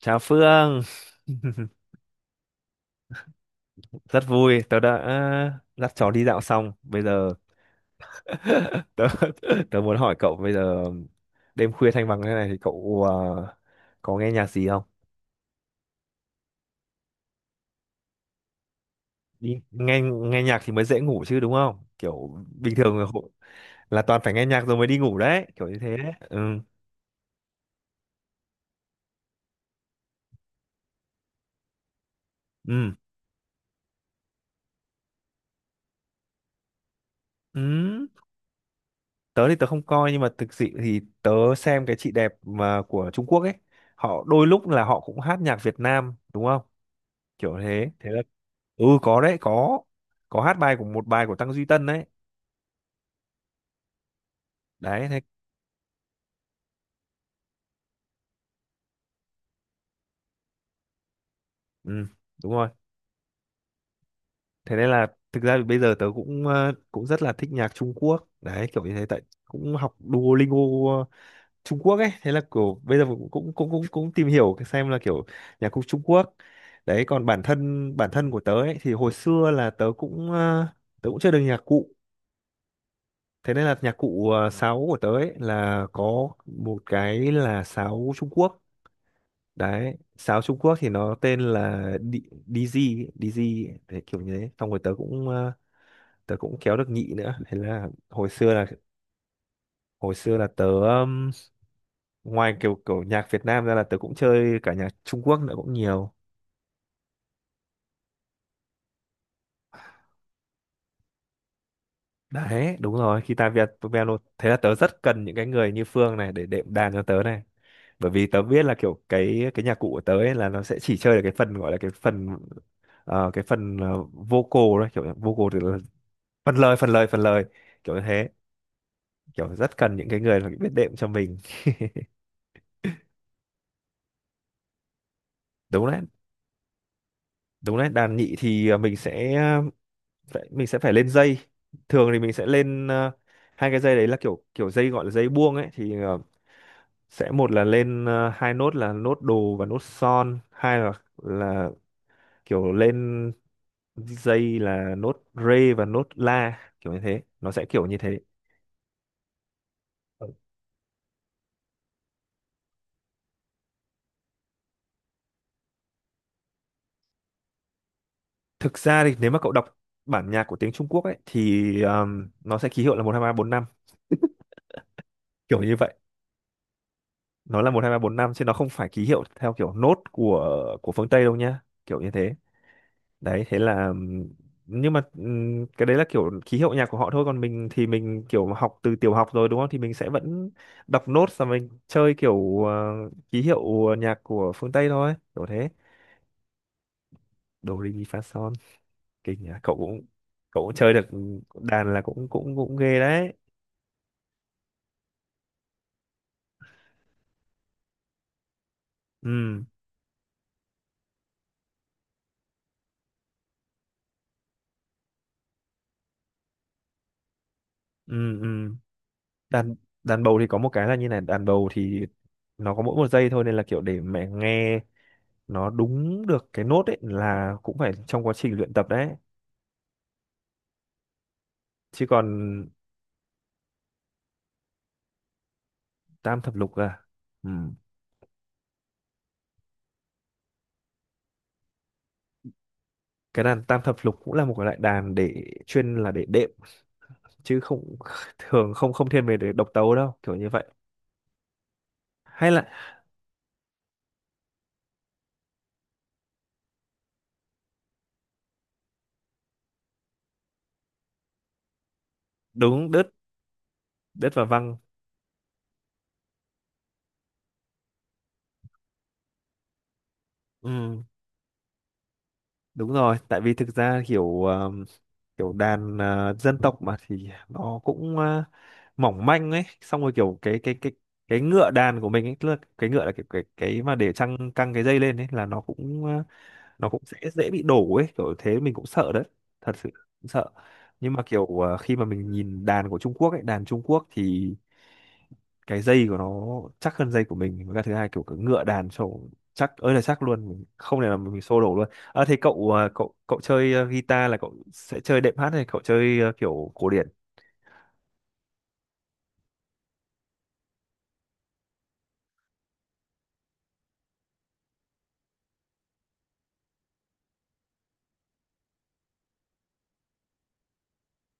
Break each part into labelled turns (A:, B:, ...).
A: Chào Phương, rất vui. Tớ đã dắt chó đi dạo xong. Bây giờ tớ, tớ muốn hỏi cậu bây giờ đêm khuya thanh vắng thế này thì cậu có nghe nhạc gì không? Đi nghe nghe nhạc thì mới dễ ngủ chứ đúng không? Kiểu bình thường là, là toàn phải nghe nhạc rồi mới đi ngủ đấy, kiểu như thế đấy. Ừ. Ừ. Ừ. Tớ thì tớ không coi nhưng mà thực sự thì tớ xem cái chị đẹp mà của Trung Quốc ấy, họ đôi lúc là họ cũng hát nhạc Việt Nam đúng không? Kiểu thế. Thế là ừ có đấy, có hát bài của một bài của Tăng Duy Tân đấy. Đấy thế ừ, đúng rồi, thế nên là thực ra thì bây giờ tớ cũng cũng rất là thích nhạc Trung Quốc đấy, kiểu như thế tại cũng học Duolingo ờ, Trung Quốc ấy. Thế là kiểu bây giờ cũng cũng cũng cũng, cũng tìm hiểu cái xem là kiểu nhạc cụ Trung Quốc đấy. Còn bản thân của tớ ấy thì hồi xưa là tớ cũng tớ cũng chơi được nhạc cụ. Thế nên là nhạc cụ, sáo của tớ ấy là có một cái là sáo Trung Quốc đấy. Sáo Trung Quốc thì nó tên là DZ ấy, DZ ấy, đấy, kiểu như thế. Xong rồi tớ cũng tớ cũng kéo được nhị nữa. Thế là hồi xưa là tớ ngoài kiểu kiểu nhạc Việt Nam ra là tớ cũng chơi cả nhạc Trung Quốc nữa cũng nhiều đấy. Đúng rồi, guitar Việt piano. Thế là tớ rất cần những cái người như Phương này để đệm đàn cho tớ này, bởi vì tớ biết là kiểu cái nhạc cụ của tớ ấy là nó sẽ chỉ chơi được cái phần, gọi là cái phần vocal đấy. Kiểu vocal thì là phần lời, kiểu như thế. Kiểu rất cần những cái người mà biết đệm cho mình. Đúng đấy. Đúng đấy. Đàn nhị thì mình sẽ phải, mình sẽ phải lên dây. Thường thì mình sẽ lên hai cái dây đấy là kiểu kiểu dây, gọi là dây buông ấy thì sẽ một là lên hai nốt là nốt đồ và nốt son, hai là là kiểu lên dây là nốt rê và nốt la, kiểu như thế. Nó sẽ kiểu như thế. Thực ra thì nếu mà cậu đọc bản nhạc của tiếng Trung Quốc ấy thì nó sẽ ký hiệu là một hai ba bốn năm, kiểu như vậy. Nó là một hai ba bốn năm chứ nó không phải ký hiệu theo kiểu nốt của phương Tây đâu nhá, kiểu như thế. Đấy thế là nhưng mà cái đấy là kiểu ký hiệu nhạc của họ thôi. Còn mình thì mình kiểu học từ tiểu học rồi đúng không, thì mình sẽ vẫn đọc nốt và mình chơi kiểu ký hiệu nhạc của phương Tây thôi, kiểu thế. Do Re Mi Fa Son. Kinh nhỉ, cậu cũng chơi được đàn là cũng cũng cũng ghê đấy. Ừ. Ừ. Ừ. đàn đàn bầu thì có một cái là như này, đàn bầu thì nó có mỗi một giây thôi, nên là kiểu để mẹ nghe nó đúng được cái nốt ấy là cũng phải trong quá trình luyện tập đấy. Chứ còn tam thập lục à. Ừ. Cái đàn tam thập lục cũng là một cái loại đàn để chuyên là để đệm, chứ không thường không không thiên về để độc tấu đâu, kiểu như vậy. Hay là đúng, đứt đứt và văng. Ừ. Đúng rồi. Tại vì thực ra kiểu kiểu đàn, dân tộc mà thì nó cũng mỏng manh ấy. Xong rồi kiểu cái ngựa đàn của mình ấy, tức là cái ngựa là cái mà để trăng căng cái dây lên ấy, là nó cũng nó cũng sẽ dễ bị đổ ấy, kiểu thế. Mình cũng sợ đấy, thật sự cũng sợ. Nhưng mà kiểu khi mà mình nhìn đàn của Trung Quốc ấy, đàn Trung Quốc thì cái dây của nó chắc hơn dây của mình. Với cả thứ hai kiểu cái ngựa đàn trổ chắc ơi là chắc luôn, mình không thể nào mình xô đổ luôn. Thế cậu, cậu chơi guitar là cậu sẽ chơi đệm hát hay cậu chơi kiểu cổ điển?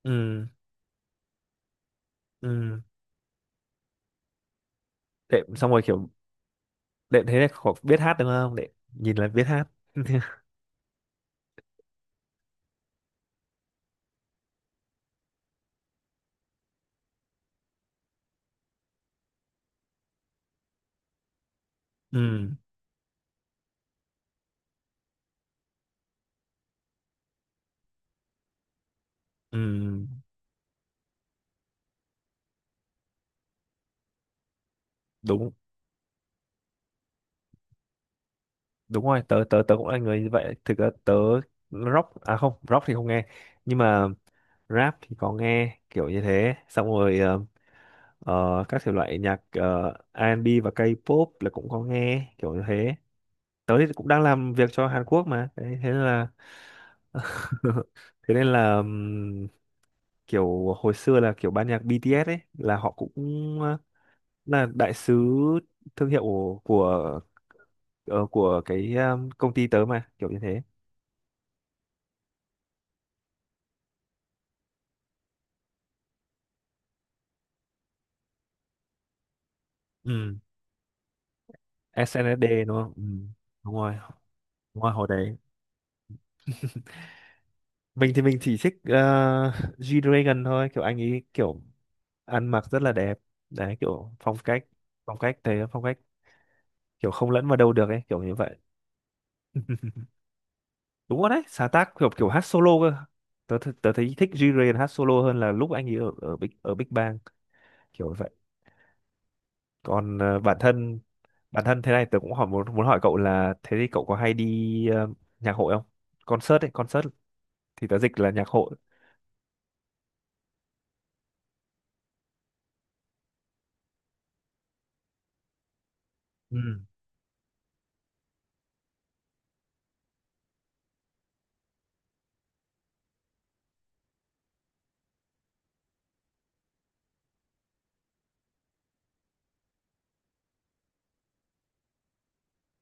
A: Ừ. Ừ. Đệm xong rồi kiểu đệm thế này cậu biết hát đúng không, đệm nhìn là biết hát. Ừ. Ừ. Đúng. Đúng rồi. Tớ tớ tớ cũng là người như vậy. Thực ra tớ rock, à không, rock thì không nghe, nhưng mà rap thì có nghe, kiểu như thế. Xong rồi các thể loại nhạc R&B và K-pop là cũng có nghe, kiểu như thế. Tớ thì cũng đang làm việc cho Hàn Quốc mà, thế nên là thế nên là kiểu hồi xưa là kiểu ban nhạc BTS ấy là họ cũng ờ, là đại sứ thương hiệu của, cái công ty tớ mà, kiểu như thế. Ừ. SNSD đúng không. Ừ. Đúng rồi. Đúng rồi. Hồi đấy mình thì mình chỉ thích G-Dragon thôi. Kiểu anh ấy kiểu ăn mặc rất là đẹp đấy, kiểu phong cách, phong cách thế, phong cách, kiểu không lẫn vào đâu được ấy, kiểu như vậy. Đúng rồi đấy. Sáng tác kiểu kiểu hát solo cơ. Tớ tớ thấy thích G-Dragon hát solo hơn là lúc anh ấy ở ở Big Bang, kiểu vậy. Còn bản thân, thế này tớ cũng muốn muốn hỏi cậu là thế thì cậu có hay đi nhạc hội không? Concert ấy, concert thì tớ dịch là nhạc hội. Ừ,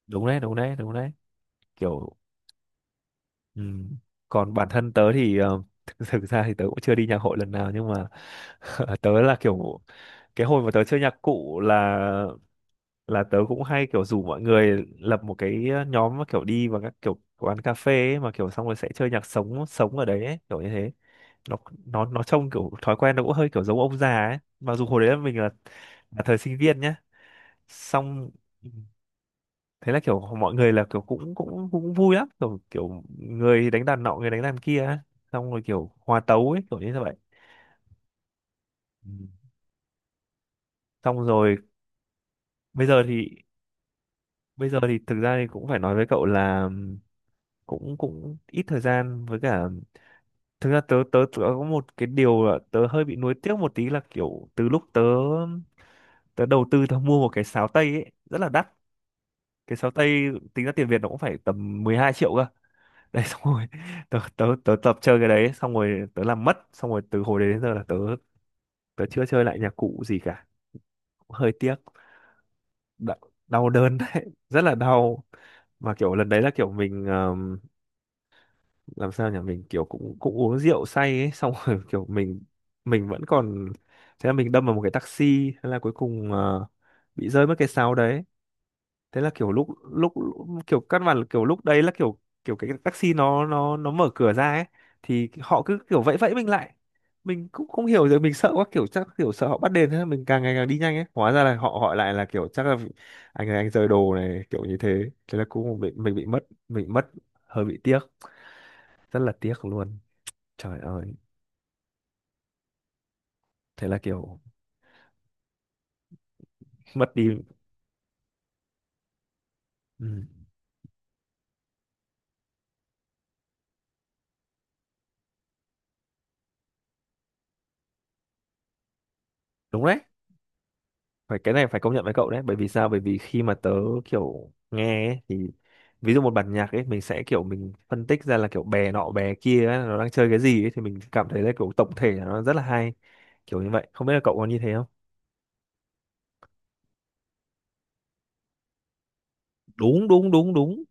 A: đúng đấy, đúng đấy, đúng đấy. Kiểu ừ. Còn bản thân tớ thì thực thực ra thì tớ cũng chưa đi nhạc hội lần nào. Nhưng mà tớ là kiểu cái hồi mà tớ chơi nhạc cụ là tớ cũng hay kiểu rủ mọi người lập một cái, nhóm mà kiểu đi vào các kiểu quán cà phê ấy, mà kiểu xong rồi sẽ chơi nhạc sống sống ở đấy ấy, kiểu như thế. Nó nó trông kiểu thói quen nó cũng hơi kiểu giống ông già ấy. Mặc dù hồi đấy là mình là thời sinh viên nhá. Xong thế là kiểu mọi người là kiểu cũng cũng cũng vui lắm, kiểu kiểu người đánh đàn nọ, người đánh đàn kia, xong rồi kiểu hòa tấu ấy, kiểu như vậy. Ừ. Xong rồi bây giờ thì thực ra thì cũng phải nói với cậu là cũng cũng ít thời gian. Với cả thực ra tớ tớ có một cái điều là tớ hơi bị nuối tiếc một tí là kiểu từ lúc tớ tớ đầu tư tớ mua một cái sáo tây ấy rất là đắt. Cái sáo tây tính ra tiền Việt nó cũng phải tầm 12 triệu cơ. Đấy xong rồi tớ tập chơi cái đấy xong rồi tớ làm mất. Xong rồi từ hồi đấy đến giờ là tớ tớ chưa chơi lại nhạc cụ gì cả. Cũng hơi tiếc. Đau, đau đớn đấy. Rất là đau. Mà kiểu lần đấy là kiểu mình làm sao nhỉ, mình kiểu cũng cũng uống rượu say ấy. Xong rồi kiểu mình vẫn còn. Thế là mình đâm vào một cái taxi. Thế là cuối cùng bị rơi mất cái sáo đấy. Thế là kiểu lúc lúc kiểu căn bản là kiểu lúc đấy là kiểu, kiểu cái taxi nó mở cửa ra ấy, thì họ cứ kiểu vẫy vẫy mình lại. Mình cũng không hiểu, rồi mình sợ quá, kiểu chắc kiểu sợ họ bắt đền, thế mình càng ngày càng đi nhanh ấy. Hóa ra là họ hỏi lại là kiểu chắc là anh này anh rời đồ này, kiểu như thế. Thế là cũng bị, mình bị mất, mình bị mất, hơi bị tiếc, rất là tiếc luôn. Trời ơi. Thế là kiểu mất đi. Ừ. Đúng đấy. Phải, cái này phải công nhận với cậu đấy. Bởi vì sao? Bởi vì khi mà tớ kiểu nghe ấy, thì ví dụ một bản nhạc ấy mình sẽ kiểu mình phân tích ra là kiểu bè nọ bè kia ấy, nó đang chơi cái gì ấy, thì mình cảm thấy là kiểu tổng thể là nó rất là hay, kiểu như vậy. Không biết là cậu có như thế không. Đúng đúng đúng đúng.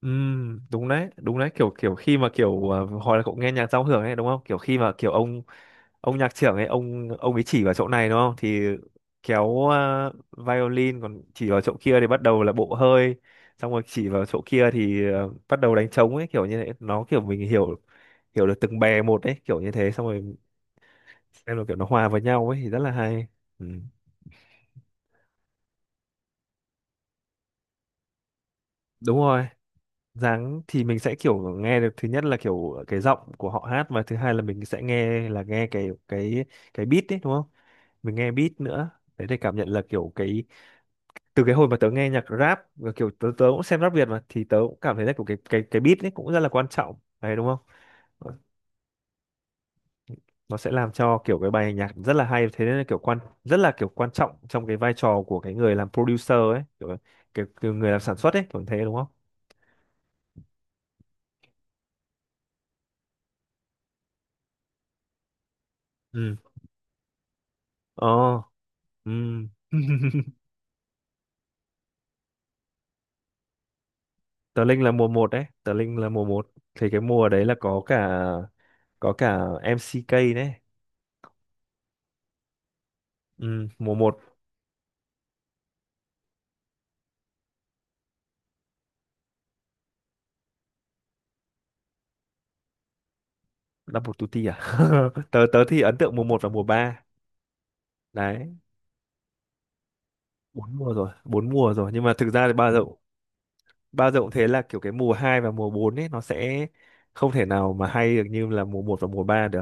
A: Đúng đấy đúng đấy, kiểu kiểu khi mà kiểu hồi là cậu nghe nhạc giao hưởng ấy đúng không, kiểu khi mà kiểu ông nhạc trưởng ấy, ông ấy chỉ vào chỗ này đúng không, thì kéo violin, còn chỉ vào chỗ kia thì bắt đầu là bộ hơi, xong rồi chỉ vào chỗ kia thì bắt đầu đánh trống ấy, kiểu như thế nó kiểu mình hiểu hiểu được từng bè một ấy, kiểu như thế, xong rồi xem là kiểu nó hòa vào nhau ấy thì rất là hay. Ừ. Đúng rồi, dáng thì mình sẽ kiểu nghe được, thứ nhất là kiểu cái giọng của họ hát, và thứ hai là mình sẽ nghe là nghe cái beat ấy đúng không, mình nghe beat nữa, đấy, để cảm nhận là kiểu cái, từ cái hồi mà tớ nghe nhạc rap và kiểu tớ tớ cũng xem rap Việt mà, thì tớ cũng cảm thấy là kiểu cái beat ấy cũng rất là quan trọng đấy đúng không. Ờ, nó sẽ làm cho kiểu cái bài nhạc rất là hay, thế nên là kiểu quan rất là kiểu quan trọng trong cái vai trò của cái người làm producer ấy, kiểu, kiểu, kiểu người làm sản xuất ấy, kiểu thế đúng không. Ừ. Ờ. Ừ. Tờ Linh là mùa một đấy, tờ Linh là mùa một, thì cái mùa đấy là có cả MCK đấy. Ừ, mùa 1. Double Tutti à. tớ tớ thì ấn tượng mùa một và mùa ba, đấy. Bốn mùa rồi, bốn mùa rồi, nhưng mà thực ra thì ba rộng, ba rộng, thế là kiểu cái mùa 2 và mùa 4 ấy nó sẽ không thể nào mà hay được như là mùa một và mùa ba được.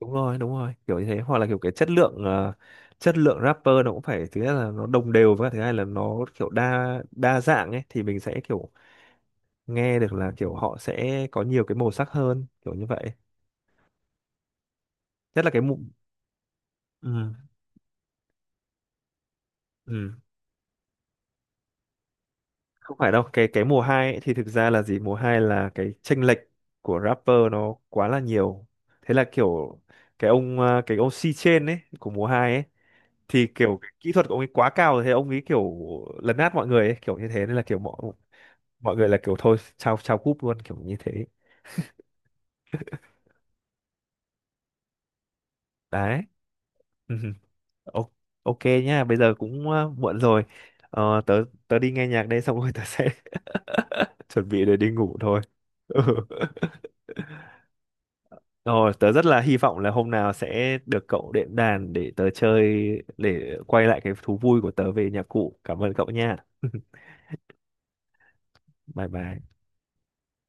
A: Đúng rồi đúng rồi, kiểu như thế, hoặc là kiểu cái chất lượng chất lượng rapper nó cũng phải, thứ nhất là nó đồng đều, và thứ hai là nó kiểu đa đa dạng ấy, thì mình sẽ kiểu nghe được là kiểu họ sẽ có nhiều cái màu sắc hơn, kiểu như vậy. Nhất là cái mùa. Ừ. Ừ. Không phải đâu, cái mùa hai ấy thì thực ra là gì, mùa hai là cái chênh lệch của rapper nó quá là nhiều, thế là kiểu cái ông, à, cái ông C trên ấy của mùa hai ấy, thì kiểu cái kỹ thuật của ông ấy quá cao rồi, thế ông ấy kiểu lấn át mọi người ấy, kiểu như thế nên là kiểu mọi mọi người là kiểu thôi chào chào cúp luôn, kiểu như thế, đấy. Ừ, ô- ok nhá, bây giờ cũng, à, muộn rồi, ờ, tớ tớ đi nghe nhạc đây, xong rồi tớ sẽ chuẩn bị để đi ngủ thôi. Ừ. Rồi, tớ rất là hy vọng là hôm nào sẽ được cậu đệm đàn để tớ chơi, để quay lại cái thú vui của tớ về nhạc cụ. Cảm ơn cậu nha. Bye bye.